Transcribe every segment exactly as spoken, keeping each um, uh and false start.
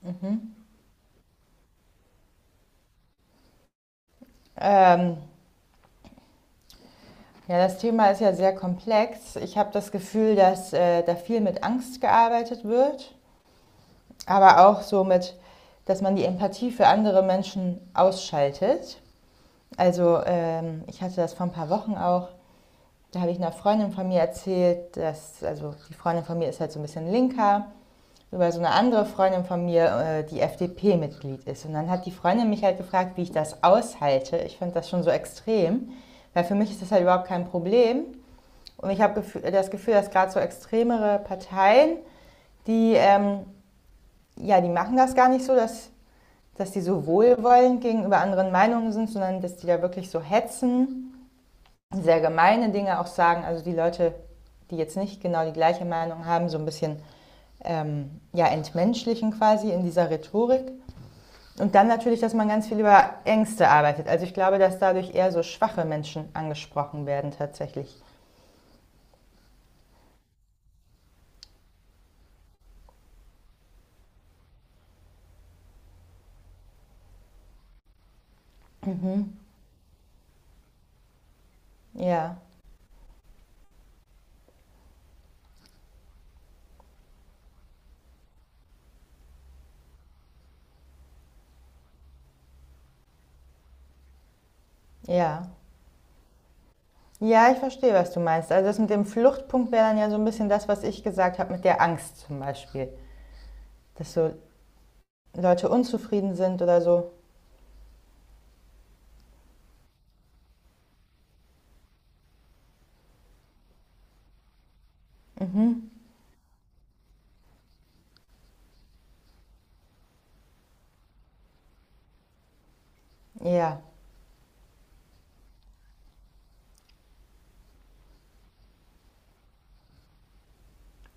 Mhm. Ähm, ja, das Thema ist ja sehr komplex. Ich habe das Gefühl, dass äh, da viel mit Angst gearbeitet wird, aber auch so mit, dass man die Empathie für andere Menschen ausschaltet. Also ähm, ich hatte das vor ein paar Wochen auch. Da habe ich einer Freundin von mir erzählt, dass, also die Freundin von mir ist halt so ein bisschen linker, über so eine andere Freundin von mir, äh, die F D P-Mitglied ist. Und dann hat die Freundin mich halt gefragt, wie ich das aushalte. Ich fand das schon so extrem, weil für mich ist das halt überhaupt kein Problem. Und ich habe das Gefühl, dass gerade so extremere Parteien, die, ähm, ja, die machen das gar nicht so, dass, dass die so wohlwollend gegenüber anderen Meinungen sind, sondern dass die da wirklich so hetzen, sehr gemeine Dinge auch sagen. Also die Leute, die jetzt nicht genau die gleiche Meinung haben, so ein bisschen ähm, ja, entmenschlichen quasi in dieser Rhetorik. Und dann natürlich, dass man ganz viel über Ängste arbeitet. Also ich glaube, dass dadurch eher so schwache Menschen angesprochen werden tatsächlich. Mhm. Ja, ja. Ja, ich verstehe, was du meinst. Also das mit dem Fluchtpunkt wäre dann ja so ein bisschen das, was ich gesagt habe mit der Angst zum Beispiel. Dass so Leute unzufrieden sind oder so. Ja,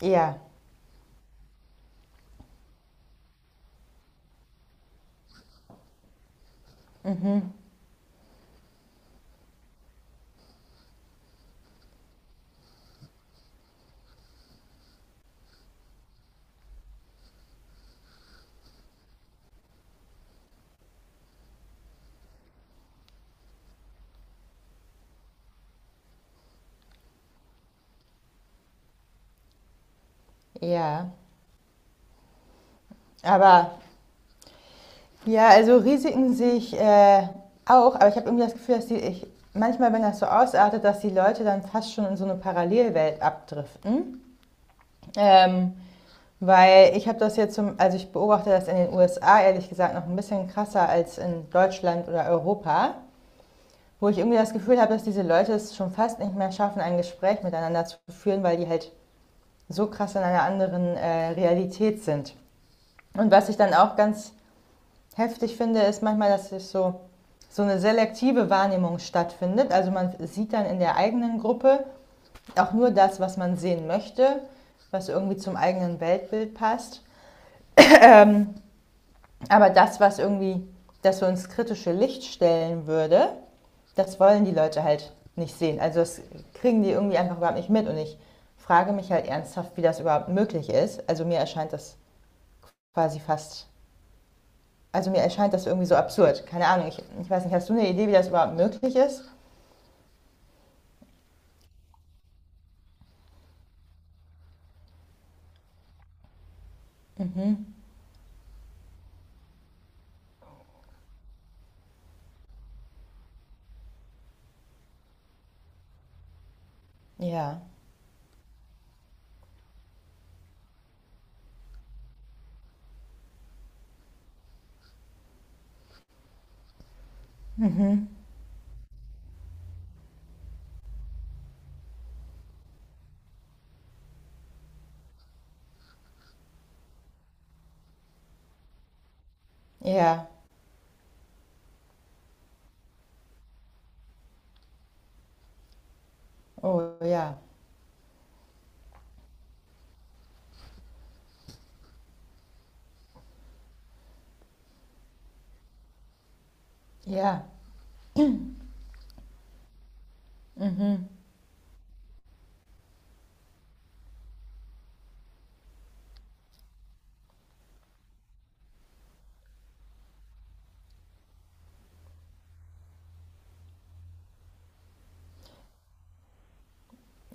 ja, ja. Aber ja, also Risiken sehe ich äh, auch, aber ich habe irgendwie das Gefühl, dass die, ich, manchmal, wenn das so ausartet, dass die Leute dann fast schon in so eine Parallelwelt abdriften. Ähm, Weil ich habe das jetzt zum, also ich beobachte das in den U S A ehrlich gesagt noch ein bisschen krasser als in Deutschland oder Europa, wo ich irgendwie das Gefühl habe, dass diese Leute es schon fast nicht mehr schaffen, ein Gespräch miteinander zu führen, weil die halt so krass in einer anderen äh, Realität sind. Und was ich dann auch ganz heftig finde, ist manchmal, dass es so, so eine selektive Wahrnehmung stattfindet. Also man sieht dann in der eigenen Gruppe auch nur das, was man sehen möchte, was irgendwie zum eigenen Weltbild passt. Ähm, Aber das, was irgendwie, dass wir uns kritische Licht stellen würde, das wollen die Leute halt nicht sehen. Also das kriegen die irgendwie einfach überhaupt nicht mit. Und ich frage mich halt ernsthaft, wie das überhaupt möglich ist. Also mir erscheint das quasi fast, also mir erscheint das irgendwie so absurd. Keine Ahnung, ich, ich weiß nicht, hast du eine Idee, wie das überhaupt möglich ist? Ja, ja, oh ja, ja.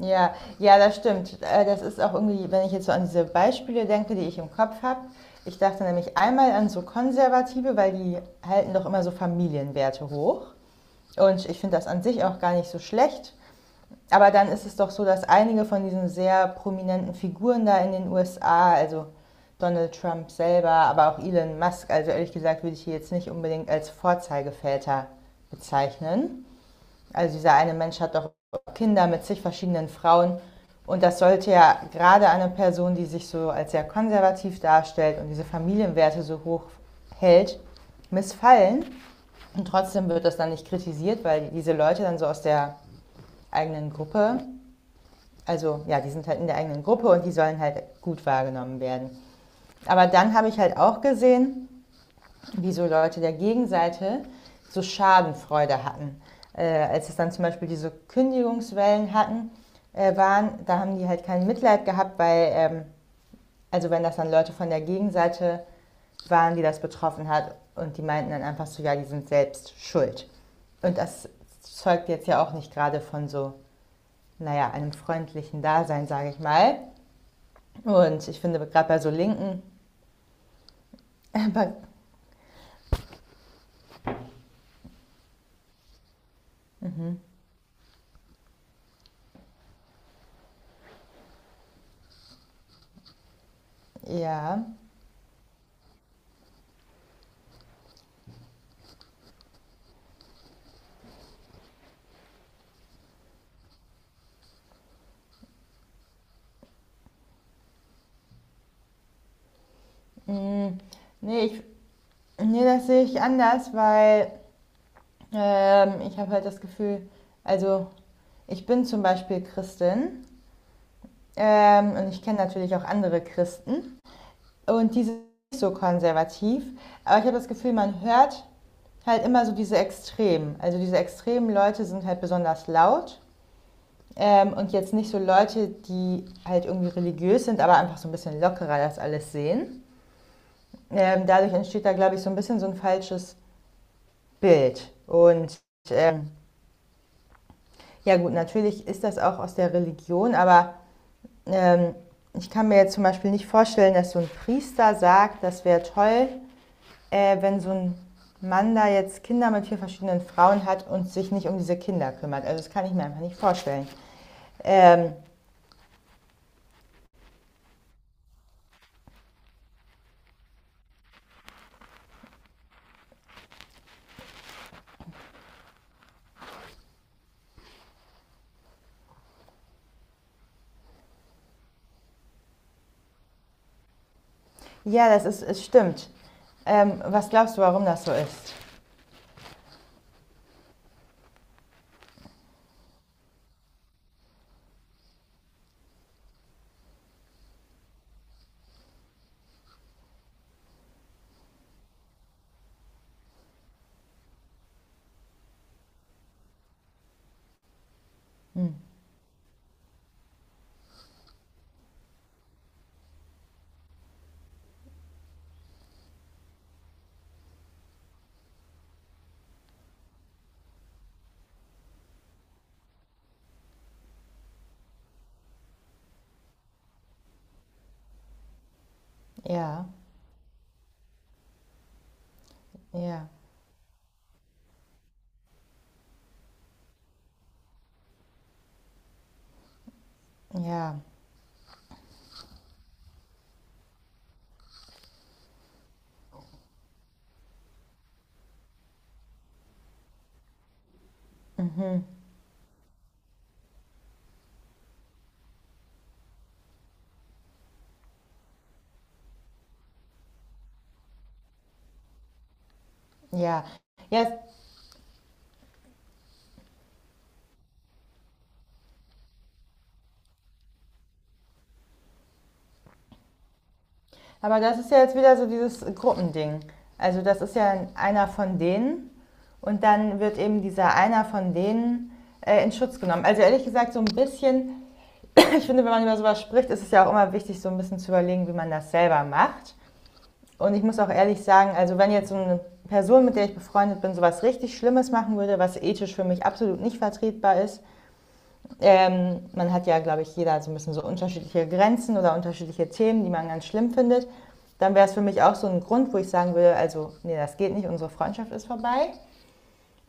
Ja, ja, das stimmt. Äh, Das ist auch irgendwie, wenn ich jetzt so an diese Beispiele denke, die ich im Kopf habe. Ich dachte nämlich einmal an so Konservative, weil die halten doch immer so Familienwerte hoch. Und ich finde das an sich auch gar nicht so schlecht. Aber dann ist es doch so, dass einige von diesen sehr prominenten Figuren da in den U S A, also Donald Trump selber, aber auch Elon Musk, also ehrlich gesagt, würde ich die jetzt nicht unbedingt als Vorzeigeväter bezeichnen. Also dieser eine Mensch hat doch Kinder mit zig verschiedenen Frauen. Und das sollte ja gerade eine Person, die sich so als sehr konservativ darstellt und diese Familienwerte so hoch hält, missfallen. Und trotzdem wird das dann nicht kritisiert, weil diese Leute dann so aus der eigenen Gruppe, also ja, die sind halt in der eigenen Gruppe und die sollen halt gut wahrgenommen werden. Aber dann habe ich halt auch gesehen, wieso Leute der Gegenseite so Schadenfreude hatten. Äh, als es dann zum Beispiel diese Kündigungswellen hatten, äh, waren, da haben die halt kein Mitleid gehabt, weil, ähm, also wenn das dann Leute von der Gegenseite waren, die das betroffen hat und die meinten dann einfach so, ja, die sind selbst schuld. Und das zeugt jetzt ja auch nicht gerade von so, naja, einem freundlichen Dasein, sage ich mal. Und ich finde gerade bei so Linken, ja, mh, nee, ich Nee, das sehe ich anders, weil ähm, ich habe halt das Gefühl, also ich bin zum Beispiel Christin, ähm, und ich kenne natürlich auch andere Christen und die sind nicht so konservativ, aber ich habe das Gefühl, man hört halt immer so diese Extremen. Also diese extremen Leute sind halt besonders laut, ähm, und jetzt nicht so Leute, die halt irgendwie religiös sind, aber einfach so ein bisschen lockerer das alles sehen. Ähm, dadurch entsteht da, glaube ich, so ein bisschen so ein falsches Bild, und ähm, ja gut, natürlich ist das auch aus der Religion, aber ähm, ich kann mir jetzt zum Beispiel nicht vorstellen, dass so ein Priester sagt, das wäre toll, äh, wenn so ein Mann da jetzt Kinder mit vier verschiedenen Frauen hat und sich nicht um diese Kinder kümmert. Also das kann ich mir einfach nicht vorstellen. Ähm, ja, das ist, es stimmt. Ähm, was glaubst du, warum das so ist? Hm, ja, ja, ja, ja. Ja, aber das ist ja jetzt wieder so dieses Gruppending. Also das ist ja einer von denen und dann wird eben dieser einer von denen äh, in Schutz genommen. Also ehrlich gesagt, so ein bisschen, ich finde, wenn man über sowas spricht, ist es ja auch immer wichtig, so ein bisschen zu überlegen, wie man das selber macht. Und ich muss auch ehrlich sagen, also wenn jetzt so eine Person, mit der ich befreundet bin, sowas richtig Schlimmes machen würde, was ethisch für mich absolut nicht vertretbar ist, ähm, man hat ja, glaube ich, jeder so ein bisschen so unterschiedliche Grenzen oder unterschiedliche Themen, die man ganz schlimm findet. Dann wäre es für mich auch so ein Grund, wo ich sagen würde, also, nee, das geht nicht, unsere Freundschaft ist vorbei.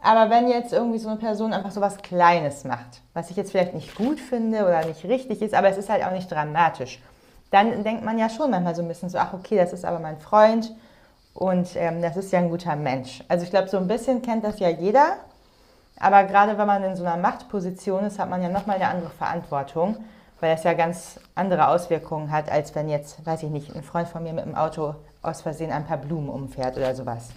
Aber wenn jetzt irgendwie so eine Person einfach so was Kleines macht, was ich jetzt vielleicht nicht gut finde oder nicht richtig ist, aber es ist halt auch nicht dramatisch, dann denkt man ja schon manchmal so ein bisschen so, ach okay, das ist aber mein Freund und ähm, das ist ja ein guter Mensch. Also ich glaube, so ein bisschen kennt das ja jeder, aber gerade wenn man in so einer Machtposition ist, hat man ja nochmal eine andere Verantwortung, weil das ja ganz andere Auswirkungen hat, als wenn jetzt, weiß ich nicht, ein Freund von mir mit dem Auto aus Versehen ein paar Blumen umfährt oder sowas.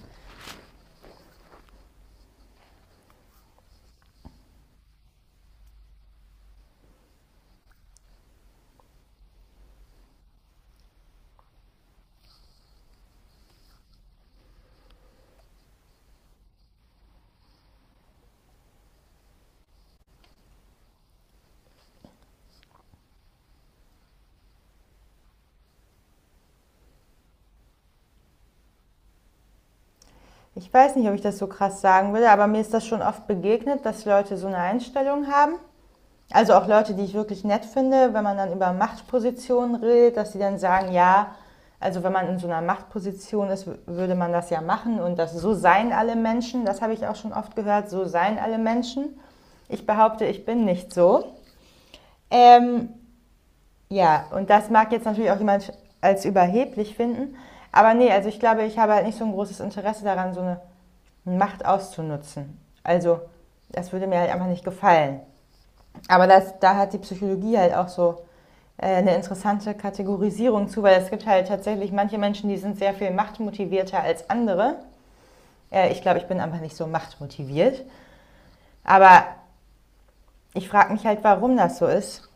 Ich weiß nicht, ob ich das so krass sagen würde, aber mir ist das schon oft begegnet, dass Leute so eine Einstellung haben. Also auch Leute, die ich wirklich nett finde, wenn man dann über Machtpositionen redet, dass die dann sagen, ja, also wenn man in so einer Machtposition ist, würde man das ja machen und das so seien alle Menschen, das habe ich auch schon oft gehört, so seien alle Menschen. Ich behaupte, ich bin nicht so. Ähm, ja, und das mag jetzt natürlich auch jemand als überheblich finden, aber nee, also ich glaube, ich habe halt nicht so ein großes Interesse daran, so eine Macht auszunutzen. Also das würde mir halt einfach nicht gefallen. Aber das, da hat die Psychologie halt auch so äh, eine interessante Kategorisierung zu, weil es gibt halt tatsächlich manche Menschen, die sind sehr viel machtmotivierter als andere. Äh, ich glaube, ich bin einfach nicht so machtmotiviert. Aber ich frage mich halt, warum das so ist,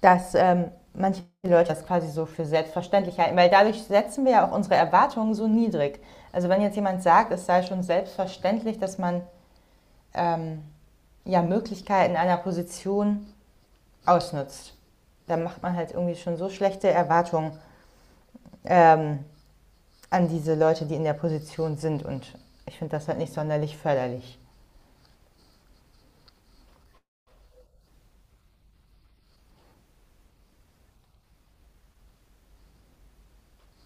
dass ähm, manche Leute das quasi so für selbstverständlich halten, weil dadurch setzen wir ja auch unsere Erwartungen so niedrig. Also wenn jetzt jemand sagt, es sei schon selbstverständlich, dass man ähm, ja Möglichkeiten einer Position ausnutzt. Da macht man halt irgendwie schon so schlechte Erwartungen, ähm, an diese Leute, die in der Position sind. Und ich finde das halt nicht sonderlich förderlich.